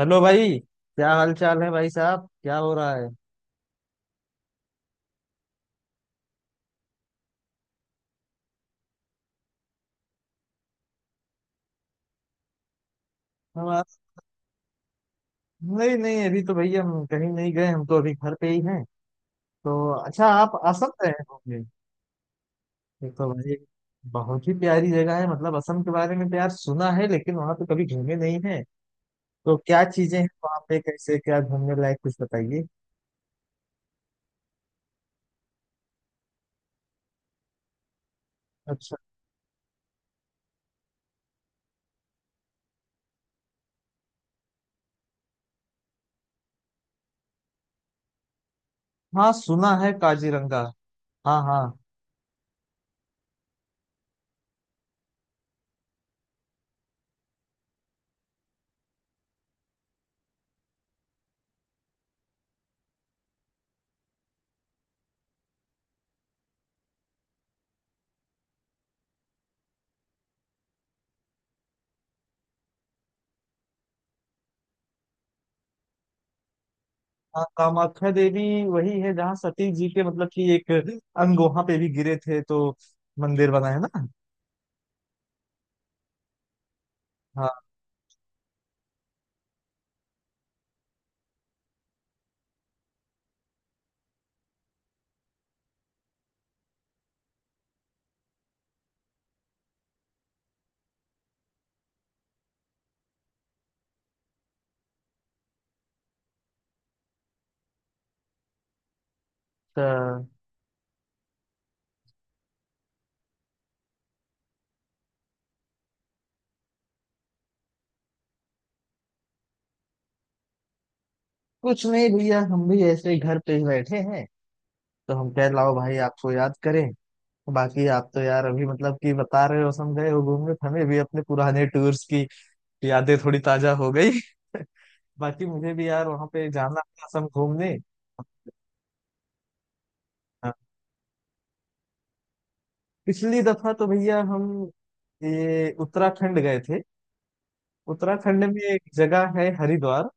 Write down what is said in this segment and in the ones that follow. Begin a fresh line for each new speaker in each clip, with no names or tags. Hello भाई, क्या हाल चाल है। भाई साहब, क्या हो रहा है। हम आ- नहीं नहीं, अभी तो भैया हम कहीं नहीं गए। हम तो अभी घर पे ही हैं तो। अच्छा, आप असम रहे होंगे। ये तो भाई बहुत ही प्यारी जगह है। मतलब असम के बारे में तो यार सुना है, लेकिन वहां तो कभी घूमे नहीं है। तो क्या चीजें हैं वहां पे, कैसे क्या घूमने लायक, कुछ बताइए। अच्छा, हाँ सुना है काजीरंगा। हाँ हाँ। हाँ कामाख्या देवी, वही है जहाँ सती जी के मतलब कि एक अंग वहां पे भी गिरे थे, तो मंदिर बना है ना। तो कुछ नहीं भैया, हम भी ऐसे ही घर पे ही बैठे हैं। तो हम कह लाओ भाई, आपको याद करें। बाकी आप तो यार अभी मतलब कि बता रहे हो, हम गए हो घूमने, तो हमें भी अपने पुराने टूर्स की यादें थोड़ी ताजा हो गई। बाकी मुझे भी यार वहां पे जाना था असम घूमने। हाँ। पिछली दफा तो भैया हम ये उत्तराखंड गए थे। उत्तराखंड में एक जगह है हरिद्वार।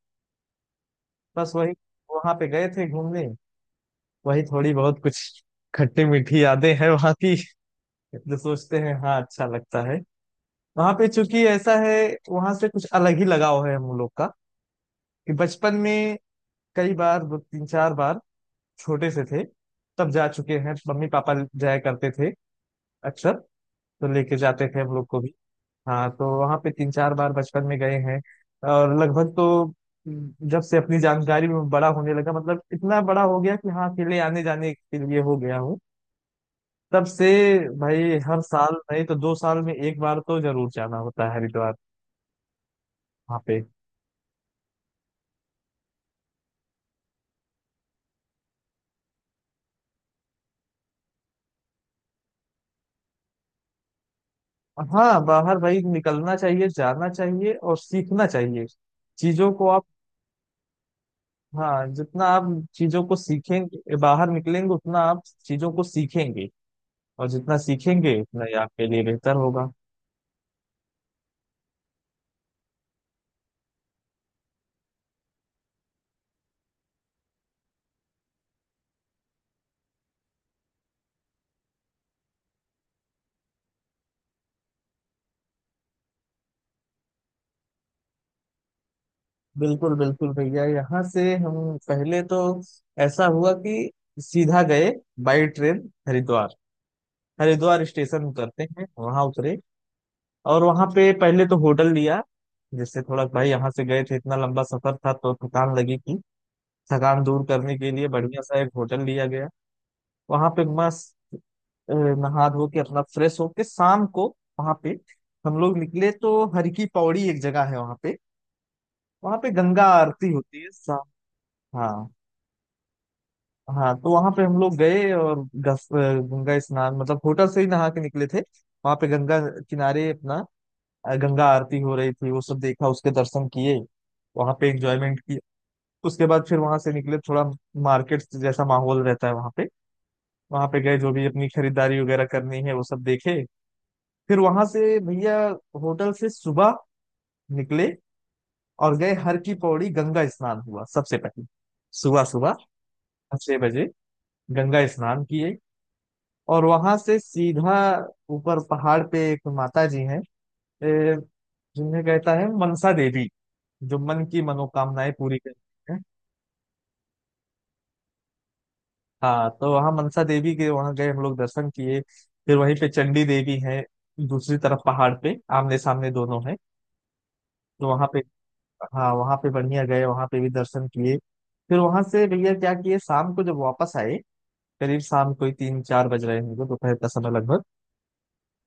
बस वही, वहां पे गए थे घूमने। वही थोड़ी बहुत कुछ खट्टी मीठी यादें हैं वहां की, तो सोचते हैं हाँ, अच्छा लगता है। वहां पे चूंकि ऐसा है, वहां से कुछ अलग ही लगाव है हम लोग का कि बचपन में कई बार, दो तीन चार बार, छोटे से थे तब जा चुके हैं। मम्मी पापा जाया करते थे अक्सर, तो लेके जाते थे हम लोग को भी। हाँ, तो वहां पे तीन चार बार बचपन में गए हैं। और लगभग तो जब से अपनी जानकारी में बड़ा होने लगा, मतलब इतना बड़ा हो गया कि हाँ अकेले आने जाने के लिए हो गया हूँ, तब से भाई हर साल नहीं तो दो साल में एक बार तो जरूर जाना होता है हरिद्वार, वहाँ पे। हाँ, बाहर भाई निकलना चाहिए, जाना चाहिए और सीखना चाहिए चीजों को आप। हाँ, जितना आप चीजों को सीखेंगे, बाहर निकलेंगे, उतना आप चीजों को सीखेंगे। और जितना सीखेंगे उतना ही आपके लिए बेहतर होगा। बिल्कुल बिल्कुल भैया, यहाँ से हम पहले तो ऐसा हुआ कि सीधा गए, by train, Haridwar. Haridwar station उतरते हैं, वहां उतरे। और वहां पे पहले तो होटल लिया, जिससे थोड़ा, भाई यहाँ से गए थे, इतना लंबा सफर था तो थकान लगी थी। थकान दूर करने के लिए बढ़िया सा एक होटल लिया गया। वहां पे मस्त नहा धो के अपना फ्रेश होके शाम को वहां पे हम लोग निकले, तो हर की पौड़ी एक जगह है वहां पे। वहां पे गंगा आरती होती है शाम। हाँ हाँ। तो वहां पे हम लोग गए और गंगा स्नान, मतलब होटल से ही नहा के निकले थे। वहां पे गंगा किनारे अपना गंगा आरती हो रही थी, वो सब देखा, उसके दर्शन किए। वहां पे एंजॉयमेंट की। उसके बाद फिर वहां से निकले, थोड़ा मार्केट जैसा माहौल रहता है वहां पे, वहां पे गए, जो भी अपनी खरीदारी वगैरह करनी है वो सब देखे। फिर वहां से भैया होटल से सुबह निकले और गए हर की पौड़ी, गंगा स्नान हुआ सबसे पहले सुबह सुबह 6 बजे, गंगा स्नान किए। और वहां से सीधा ऊपर पहाड़ पे एक माता जी हैं, ए, जिन्हें कहता है मनसा देवी, जो मन की मनोकामनाएं पूरी करती हैं। हाँ, तो वहाँ मनसा देवी के वहाँ गए हम लोग, दर्शन किए। फिर वहीं पे चंडी देवी है, दूसरी तरफ पहाड़ पे, आमने सामने दोनों है। तो वहाँ पे हाँ, वहाँ पे बढ़िया गए, वहाँ पे भी दर्शन किए। फिर वहां से भैया क्या किए, शाम को जब वापस आए, करीब शाम को ही तीन चार बज रहे होंगे, दोपहर का समय लगभग,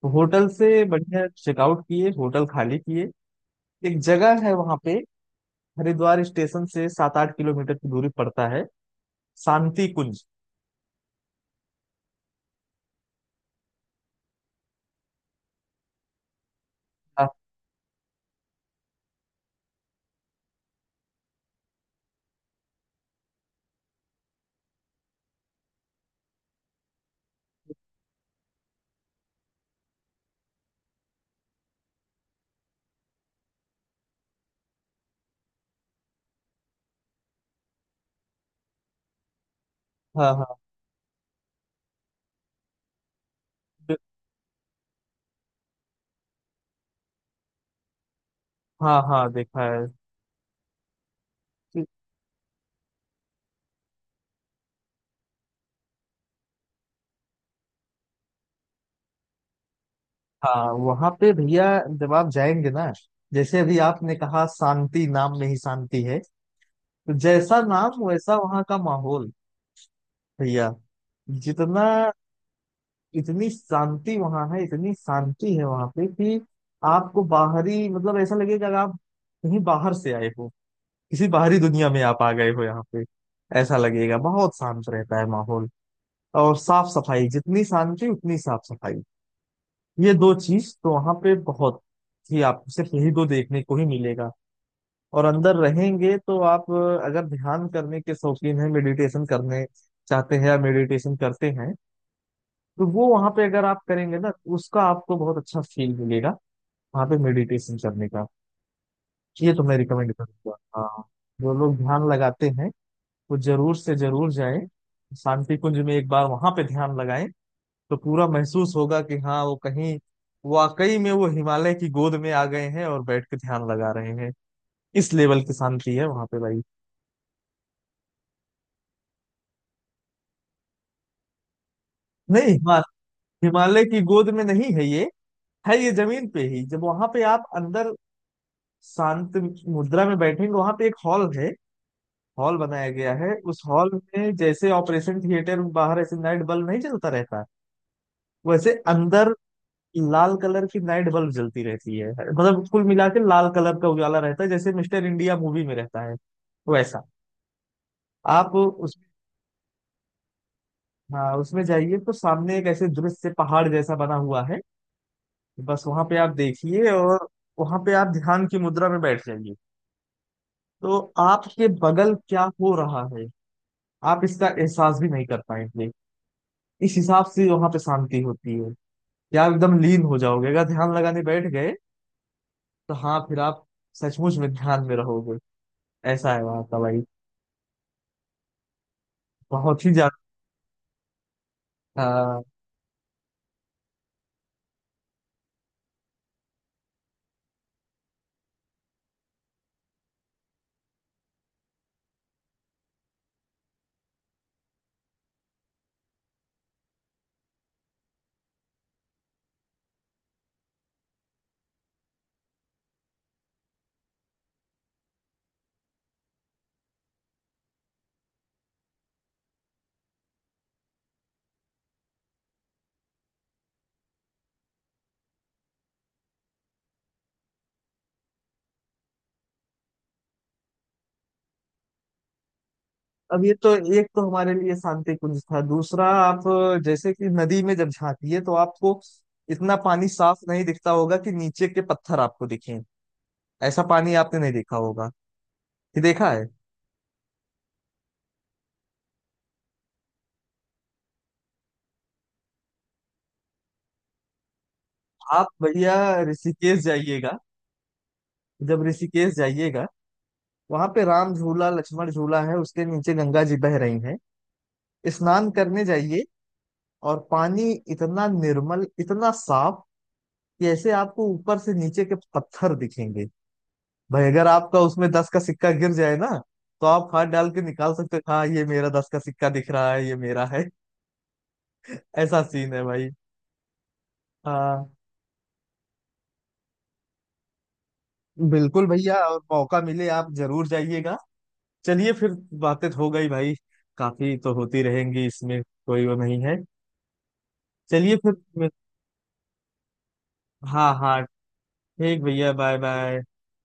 तो होटल से बढ़िया चेकआउट किए, होटल खाली किए। एक जगह है वहाँ पे, हरिद्वार स्टेशन से 7-8 किलोमीटर की दूरी पड़ता है, शांति कुंज। हाँ हाँ हाँ। हाँ हाँ देखा है। कि- हाँ वहां पे भैया, जब आप जाएंगे ना, जैसे अभी आपने कहा शांति, नाम में ही शांति है, तो जैसा नाम वैसा वहां का माहौल भैया। जितना, इतनी शांति वहां है, इतनी शांति है वहां पे कि आपको बाहरी मतलब ऐसा लगेगा कि आप कहीं बाहर से आए हो, किसी बाहरी दुनिया में आप आ गए हो यहाँ पे, ऐसा लगेगा, बहुत शांत रहता है माहौल। और साफ सफाई, जितनी शांति उतनी साफ सफाई, ये दो चीज तो वहां पे बहुत ही, आपको सिर्फ यही दो देखने को ही मिलेगा। और अंदर रहेंगे तो आप अगर ध्यान करने के शौकीन हैं, मेडिटेशन करने चाहते हैं या मेडिटेशन करते हैं, तो वो वहां पे अगर आप करेंगे ना, तो उसका आपको बहुत अच्छा फील मिलेगा वहां पे मेडिटेशन करने का। ये तो मैं रिकमेंड करूंगा हाँ। जो लोग ध्यान लगाते हैं, वो जरूर से जरूर जाएं शांति कुंज में, एक बार वहां पे ध्यान लगाएं, तो पूरा महसूस होगा कि हाँ वो कहीं वाकई में वो हिमालय की गोद में आ गए हैं और बैठ के ध्यान लगा रहे हैं। इस लेवल की शांति है वहां पे भाई। नहीं, हिमालय की गोद में नहीं है ये, है ये जमीन पे ही। जब वहां पे आप अंदर शांत मुद्रा में बैठेंगे, वहां पे एक हॉल है, हॉल बनाया गया है, उस हॉल में जैसे ऑपरेशन थिएटर में बाहर ऐसे नाइट बल्ब नहीं जलता रहता, वैसे अंदर लाल कलर की नाइट बल्ब जलती रहती है, मतलब कुल मिला के लाल कलर का उजाला रहता है, जैसे मिस्टर इंडिया मूवी में रहता है वैसा। आप उस हाँ उसमें जाइए तो सामने एक ऐसे दृश्य पहाड़ जैसा बना हुआ है, बस वहां पे आप देखिए और वहां पे आप ध्यान की मुद्रा में बैठ जाइए, तो आपके बगल क्या हो रहा है आप इसका एहसास भी नहीं कर पाएंगे। इस हिसाब से वहां पे शांति होती है। या आप एकदम लीन हो जाओगे, अगर ध्यान लगाने बैठ गए तो हाँ फिर आप सचमुच में ध्यान में रहोगे। ऐसा है वहां का भाई, बहुत ही ज्यादा। हाँ, अब ये तो एक तो हमारे लिए शांति कुंज था, दूसरा आप जैसे कि नदी में जब झांकिए तो आपको इतना पानी साफ नहीं दिखता होगा कि नीचे के पत्थर आपको दिखें। ऐसा पानी आपने नहीं देखा होगा, कि देखा है। आप भैया ऋषिकेश जाइएगा, जब ऋषिकेश जाइएगा, वहां पे राम झूला लक्ष्मण झूला है, उसके नीचे गंगा जी बह रही हैं, स्नान करने जाइए, और पानी इतना निर्मल, इतना साफ कि ऐसे आपको ऊपर से नीचे के पत्थर दिखेंगे। भाई अगर आपका उसमें 10 का सिक्का गिर जाए ना, तो आप हाथ डाल के निकाल सकते हो, हाँ ये मेरा 10 का सिक्का दिख रहा है, ये मेरा है। ऐसा सीन है भाई। हाँ। बिल्कुल भैया, और मौका मिले आप जरूर जाइएगा। चलिए फिर, बातें तो हो गई भाई, काफी तो होती रहेंगी इसमें, कोई वो नहीं है। चलिए फिर, हाँ हाँ, ठीक भैया, बाय बाय।